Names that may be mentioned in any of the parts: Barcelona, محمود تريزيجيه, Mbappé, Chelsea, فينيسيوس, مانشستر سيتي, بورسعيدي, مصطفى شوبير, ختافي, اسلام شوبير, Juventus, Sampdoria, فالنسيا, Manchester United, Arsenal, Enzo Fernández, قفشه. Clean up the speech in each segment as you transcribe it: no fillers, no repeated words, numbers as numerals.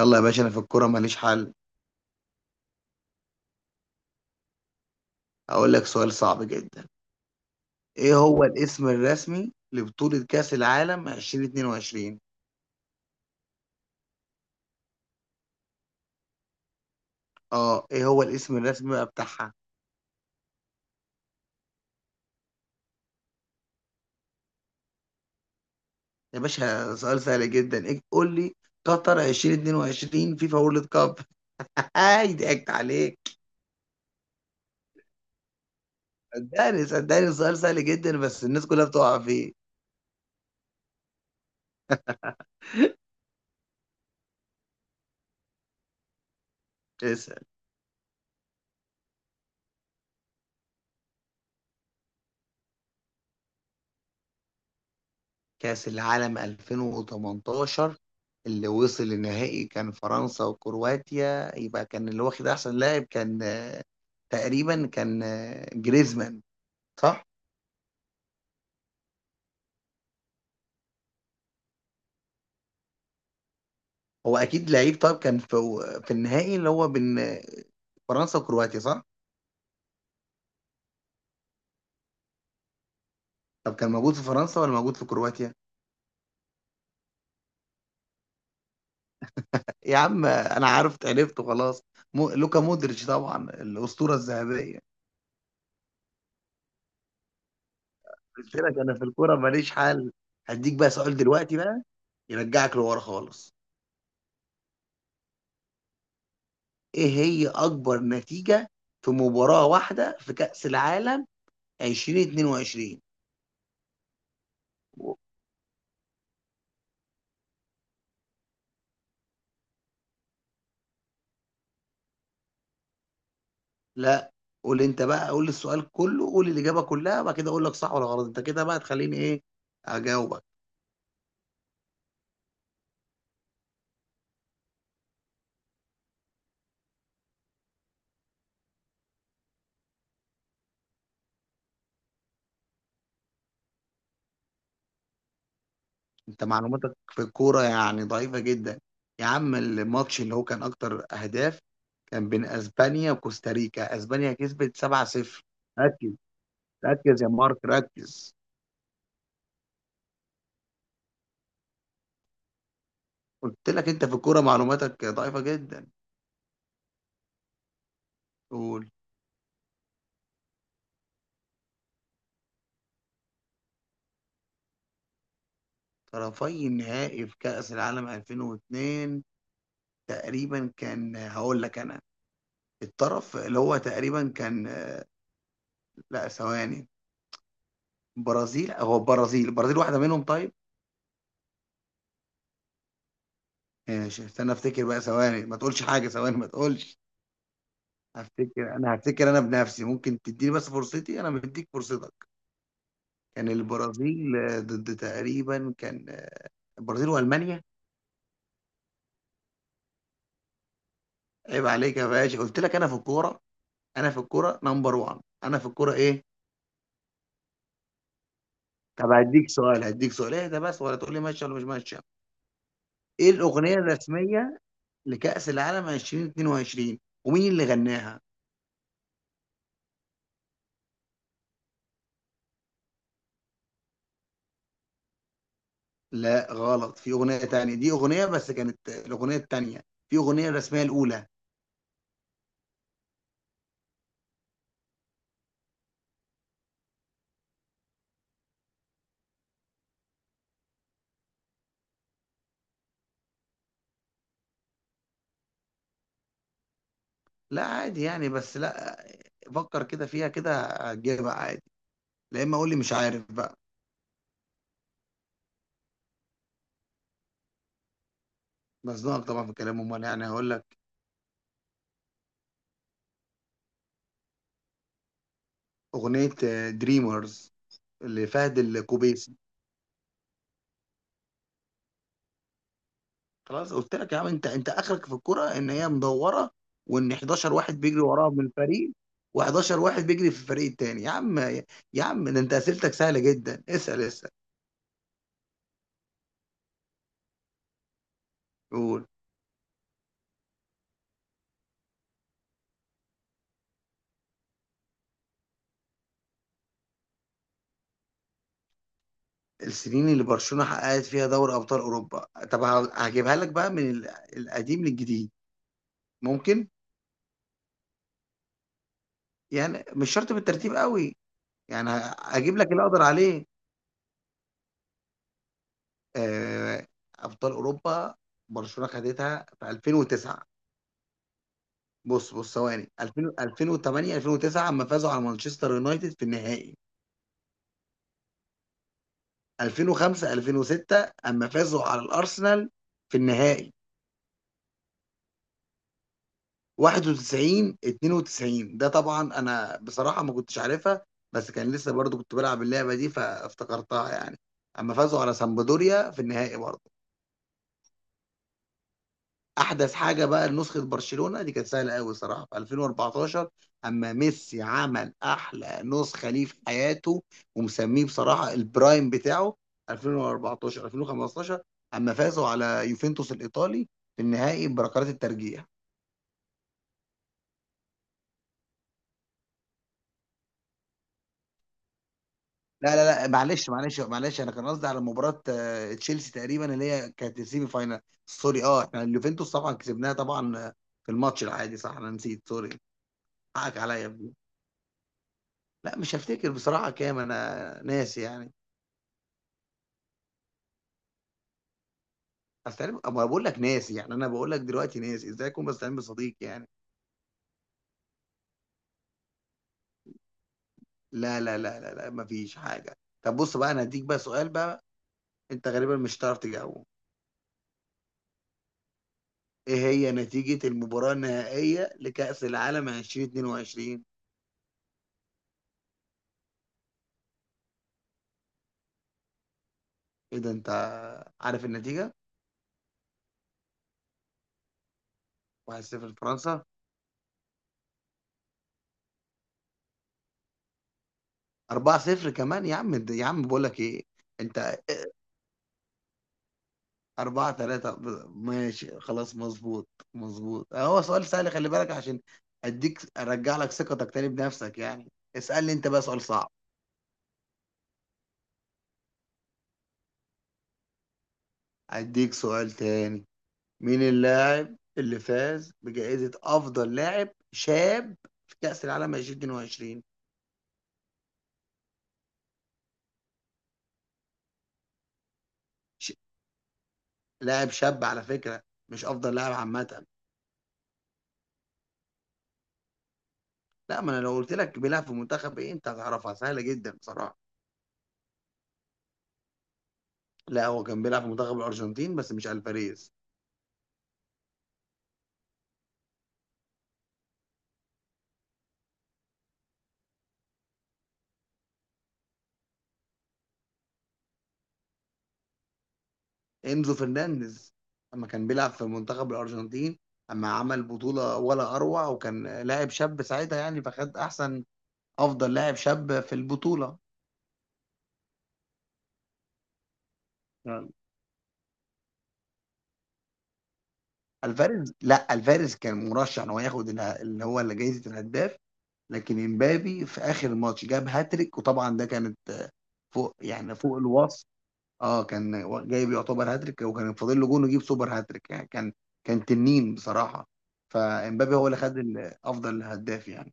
يلا يا باشا، انا في الكوره ماليش حل. اقول لك سؤال صعب جدا. ايه هو الاسم الرسمي لبطولة كأس العالم 2022؟ اه، ايه هو الاسم الرسمي بقى بتاعها؟ يا باشا سؤال سهل جدا، إيه؟ قول لي قطر 2022 فيفا وورلد كاب. هاي ضحكت عليك. صدقني صدقني سؤال سهل جدا بس الناس كلها بتقع فيه. اسأل. كأس العالم 2018 اللي وصل النهائي كان فرنسا وكرواتيا، يبقى كان اللي واخد احسن لاعب كان تقريبا كان جريزمان، صح. هو اكيد لعيب. طب كان في في النهائي اللي هو بين فرنسا وكرواتيا، صح. طب كان موجود في فرنسا ولا موجود في كرواتيا؟ يا عم انا عرفت عرفته خلاص. مو لوكا مودريتش، طبعا الاسطوره الذهبيه. قلت لك انا في الكوره ماليش حل. هديك بقى سؤال دلوقتي بقى يرجعك لورا خالص. إيه هي أكبر نتيجة في مباراة واحدة في كأس العالم 2022؟ و- لا قول أنت بقى، قول السؤال كله، قول الإجابة كلها، بعد كده أقول لك صح ولا غلط. أنت كده بقى تخليني إيه، أجاوبك؟ أنت معلوماتك في الكورة يعني ضعيفة جدا. يا عم الماتش اللي هو كان أكتر أهداف كان بين أسبانيا وكوستاريكا، أسبانيا كسبت 7-0. ركز، ركز يا مارك ركز. قلت لك أنت في الكورة معلوماتك ضعيفة جدا. قول. طرفي النهائي في كأس العالم 2002 تقريبا كان، هقول لك انا. الطرف اللي هو تقريبا كان لا ثواني. برازيل، هو البرازيل، البرازيل واحدة منهم، طيب. ماشي استنى افتكر بقى ثواني، ما تقولش حاجة، ثواني ما تقولش. هفتكر انا، هفتكر انا بنفسي، ممكن تديني بس فرصتي، انا مديك فرصتك. كان البرازيل ضد تقريبا كان البرازيل والمانيا. عيب عليك يا باشا، قلت لك انا في الكورة، انا في الكورة نمبر 1، انا في الكورة ايه. طب هديك سؤال، هديك سؤال ايه ده بس، ولا تقول لي ماشيه ولا مش ماشيه. ايه الاغنيه الرسميه لكأس العالم 2022 ومين اللي غناها؟ لا غلط، في اغنيه تانية، دي اغنيه بس كانت الاغنيه التانية، في اغنيه الرسميه الاولى. لا عادي يعني، بس لا، فكر كده فيها كده هتجيبها عادي، لا اما اقول لي مش عارف بقى. مزنوق طبعا في كلامه، امال يعني هقول لك؟ اغنيه دريمرز لفهد الكوبي. خلاص قلت لك يا عم، انت انت اخرك في الكرة ان هي مدورة، وان 11 واحد بيجري وراها من الفريق، و11 واحد بيجري في الفريق التاني. يا عم، يا عم ده انت اسئلتك سهلة جدا، اسأل اسأل. قول. السنين اللي برشلونة حققت فيها دوري ابطال اوروبا. طب هجيبها لك بقى من القديم للجديد، ممكن؟ يعني مش شرط بالترتيب قوي، يعني هجيب لك اللي اقدر عليه. آه، ابطال اوروبا، برشلونة خدتها في 2009. بص بص ثواني، 2000، 2008، 2009 اما فازوا على مانشستر يونايتد في النهائي. 2005، 2006 اما فازوا على الارسنال في النهائي. 91، 92 ده طبعا انا بصراحة ما كنتش عارفها، بس كان لسه برضو كنت بلعب اللعبة دي فافتكرتها يعني، اما فازوا على سامبدوريا في النهائي برضو. احدث حاجه بقى، نسخه برشلونه دي كانت سهله قوي صراحه في 2014، اما ميسي عمل احلى نسخه ليه في حياته ومسميه بصراحه البرايم بتاعه. 2014، 2015 اما فازوا على يوفنتوس الايطالي في النهائي بركلات الترجيح. لا لا لا، معلش معلش معلش، انا كان قصدي على مباراه تشيلسي تقريبا اللي هي كانت السيمي فاينال. سوري، اه احنا اليوفنتوس طبعا كسبناها طبعا في الماتش العادي، صح، انا نسيت سوري. حقك عليا. لا مش هفتكر بصراحة كام، أنا ناسي يعني. أستعين؟ أما بقول لك ناسي يعني، أنا بقول لك دلوقتي ناسي، إزاي أكون بستعين بصديق يعني؟ لا لا لا لا لا، مفيش حاجة. طب بص بقى، أنا هديك بقى سؤال بقى أنت غالبا مش هتعرف تجاوبه. إيه هي نتيجة المباراة النهائية لكأس العالم 2022؟ إيه ده أنت عارف النتيجة؟ 1-0 لفرنسا؟ 4-0 كمان يا عم. يا عم بقول لك إيه، أنت أربعة تلاتة. ماشي خلاص مظبوط، مظبوط. هو سؤال سهل، خلي بالك، عشان أديك أرجع لك ثقتك تاني بنفسك، يعني اسألني أنت بقى سؤال صعب. أديك سؤال تاني. مين اللاعب اللي فاز بجائزة أفضل لاعب شاب في كأس العالم 2022؟ ش... لاعب شاب على فكرة، مش أفضل لاعب عامة. لا ما أنا لو قلت لك بيلعب في منتخب إيه أنت هتعرفها سهلة جدا بصراحة. لا هو كان بيلعب في منتخب الأرجنتين بس مش ألفاريز. انزو فرنانديز، لما كان بيلعب في منتخب الارجنتين اما عمل بطوله ولا اروع، وكان لاعب شاب ساعتها يعني فخد احسن افضل لاعب شاب في البطوله. نعم. الفاريز، لا الفاريز كان مرشح ان هو ياخد اللي هو اللي جايزه الهداف، لكن امبابي في اخر الماتش جاب هاتريك وطبعا ده كانت فوق يعني فوق الوصف. اه كان جايب يعتبر هاتريك، وكان فاضل له جون ويجيب سوبر هاتريك يعني، كان كان تنين بصراحه. فامبابي هو اللي خد افضل هداف يعني.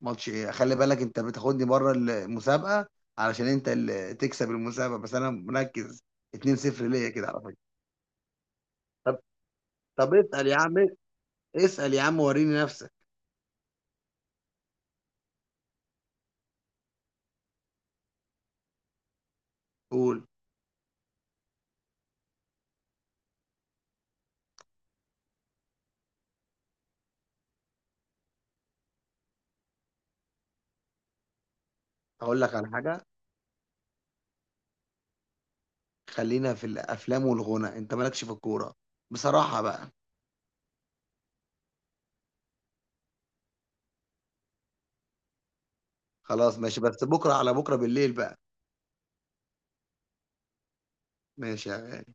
ماتش ايه؟ خلي بالك انت بتاخدني بره المسابقه علشان انت اللي تكسب المسابقه، بس انا مركز. 2-0 ليا كده على فكره. طب، طب اسال يا عم، اسال يا عم وريني نفسك. قول. اقول لك على حاجه، خلينا في الافلام والغنى، انت مالكش في الكوره بصراحه بقى. خلاص ماشي، بس بكره على بكره بالليل بقى. ماشي يا غالي.